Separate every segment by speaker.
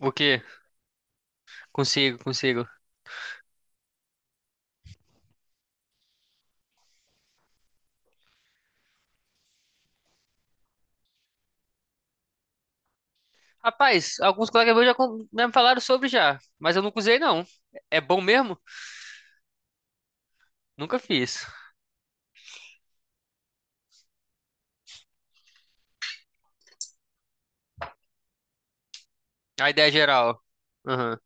Speaker 1: O quê? Consigo, consigo. Rapaz, alguns colegas meus já me falaram sobre já, mas eu nunca usei não. É bom mesmo? Nunca fiz. A ideia geral. Aham.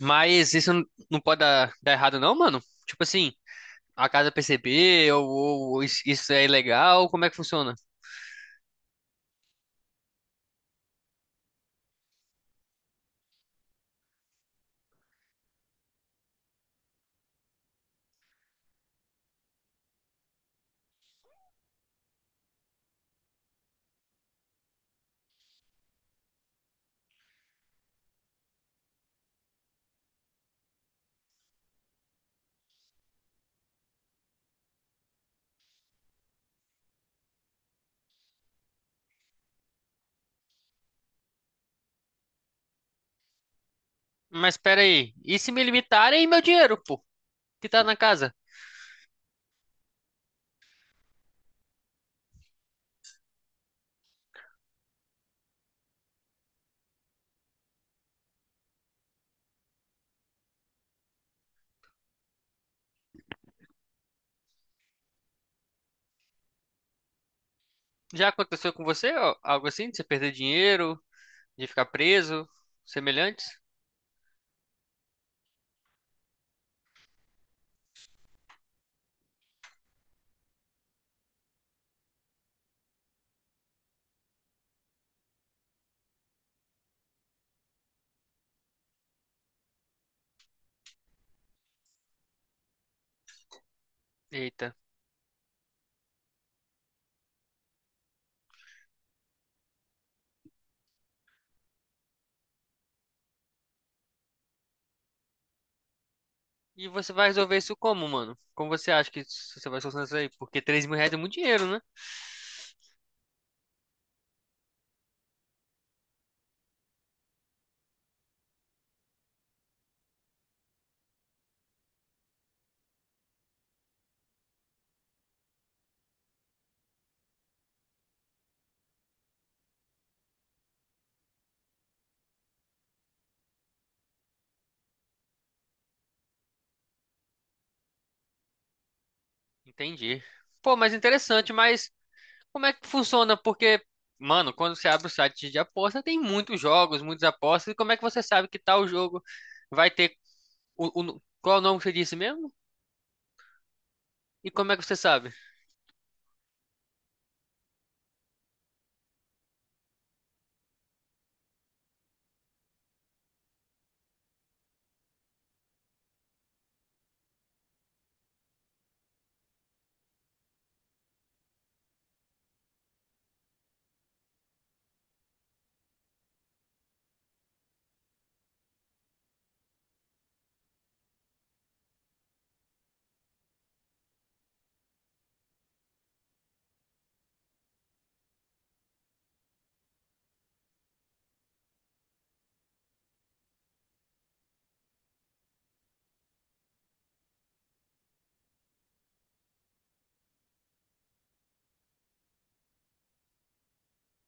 Speaker 1: Mas isso não pode dar errado não, mano? Tipo assim, a casa perceber ou isso é ilegal, como é que funciona? Mas pera aí, e se me limitarem e meu dinheiro, pô, que tá na casa? Já aconteceu com você ó, algo assim, de você perder dinheiro, de ficar preso, semelhantes? Eita. E você vai resolver isso como, mano? Como você acha que você vai solucionar isso aí? Porque R$ 3.000 é muito dinheiro, né? Entendi. Pô, mas interessante, mas como é que funciona? Porque, mano, quando você abre o site de aposta, tem muitos jogos, muitas apostas. E como é que você sabe que tal jogo vai ter. Qual é o nome que você disse mesmo? E como é que você sabe?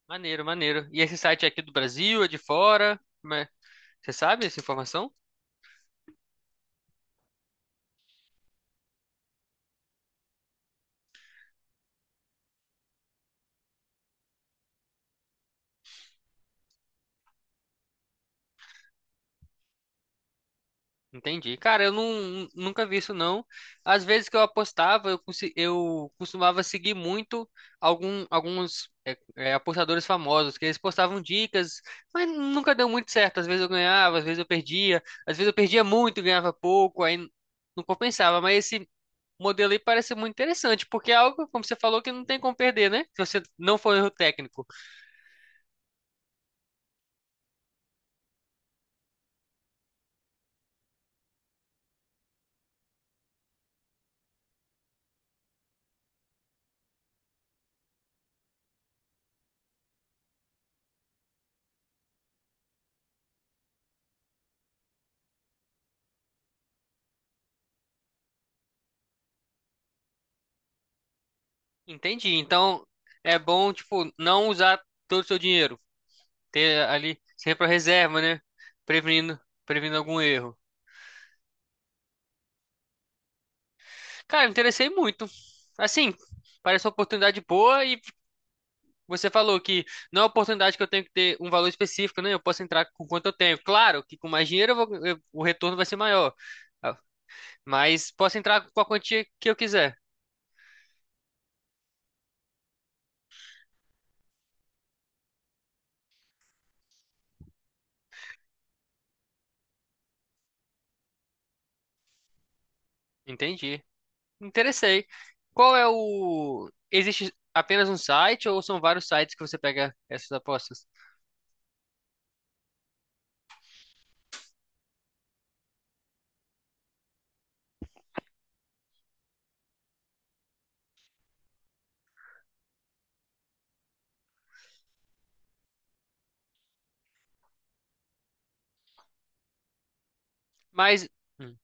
Speaker 1: Maneiro, maneiro. E esse site é aqui do Brasil, é de fora? Como é? Você sabe essa informação? Entendi. Cara, eu não, nunca vi isso não. Às vezes que eu apostava, eu costumava seguir muito alguns apostadores famosos, que eles postavam dicas, mas nunca deu muito certo. Às vezes eu ganhava, às vezes eu perdia, às vezes eu perdia muito, e ganhava pouco, aí não compensava. Mas esse modelo aí parece muito interessante, porque é algo, como você falou, que não tem como perder, né? Se você não for erro técnico. Entendi. Então, é bom, tipo, não usar todo o seu dinheiro. Ter ali sempre a reserva, né? Prevenindo, prevenindo algum erro. Cara, me interessei muito. Assim, parece uma oportunidade boa e você falou que não é uma oportunidade que eu tenho que ter um valor específico, né? Eu posso entrar com quanto eu tenho. Claro que com mais dinheiro o retorno vai ser maior. Ah, mas posso entrar com a quantia que eu quiser. Entendi. Me interessei. Qual é existe apenas um site ou são vários sites que você pega essas apostas? Mas... hum.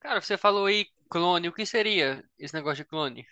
Speaker 1: Cara, você falou aí clone, o que seria esse negócio de clone?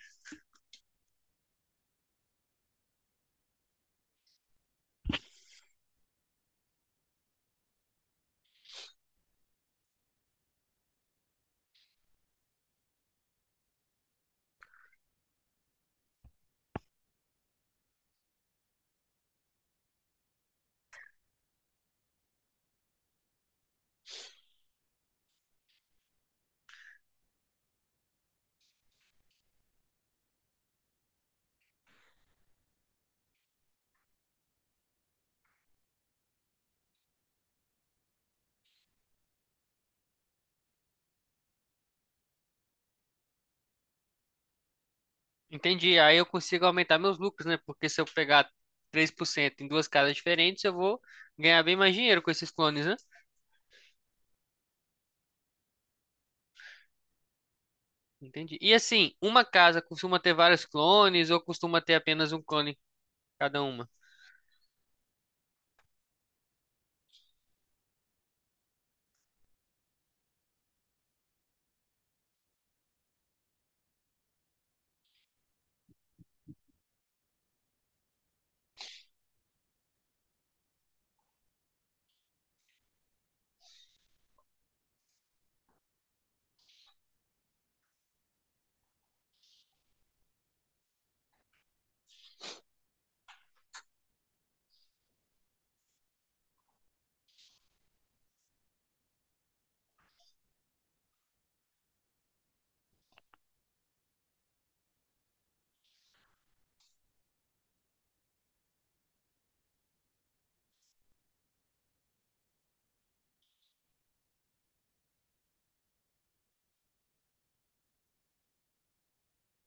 Speaker 1: Entendi, aí eu consigo aumentar meus lucros, né? Porque se eu pegar 3% em duas casas diferentes, eu vou ganhar bem mais dinheiro com esses clones, né? Entendi. E assim, uma casa costuma ter vários clones ou costuma ter apenas um clone cada uma?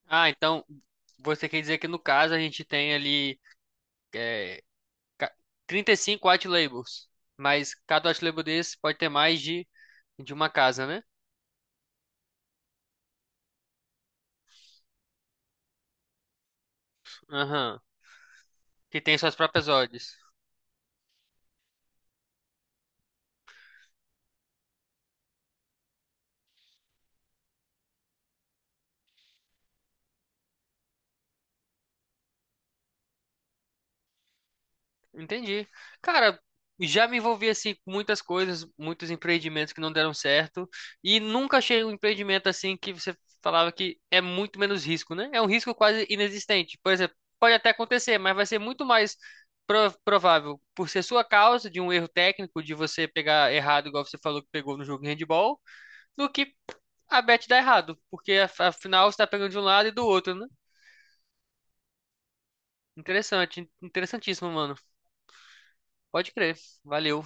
Speaker 1: Ah, então você quer dizer que no caso a gente tem ali é, ca- 35 white labels, mas cada white label desse pode ter mais de uma casa, né? Aham. Que tem suas próprias odds. Entendi. Cara, já me envolvi assim com muitas coisas, muitos empreendimentos que não deram certo e nunca achei um empreendimento assim que você falava que é muito menos risco, né? É um risco quase inexistente. Por exemplo, pode até acontecer, mas vai ser muito mais provável por ser sua causa de um erro técnico, de você pegar errado, igual você falou que pegou no jogo de handball, do que a bet dar errado, porque afinal você tá pegando de um lado e do outro, né? Interessante, interessantíssimo, mano. Pode crer. Valeu.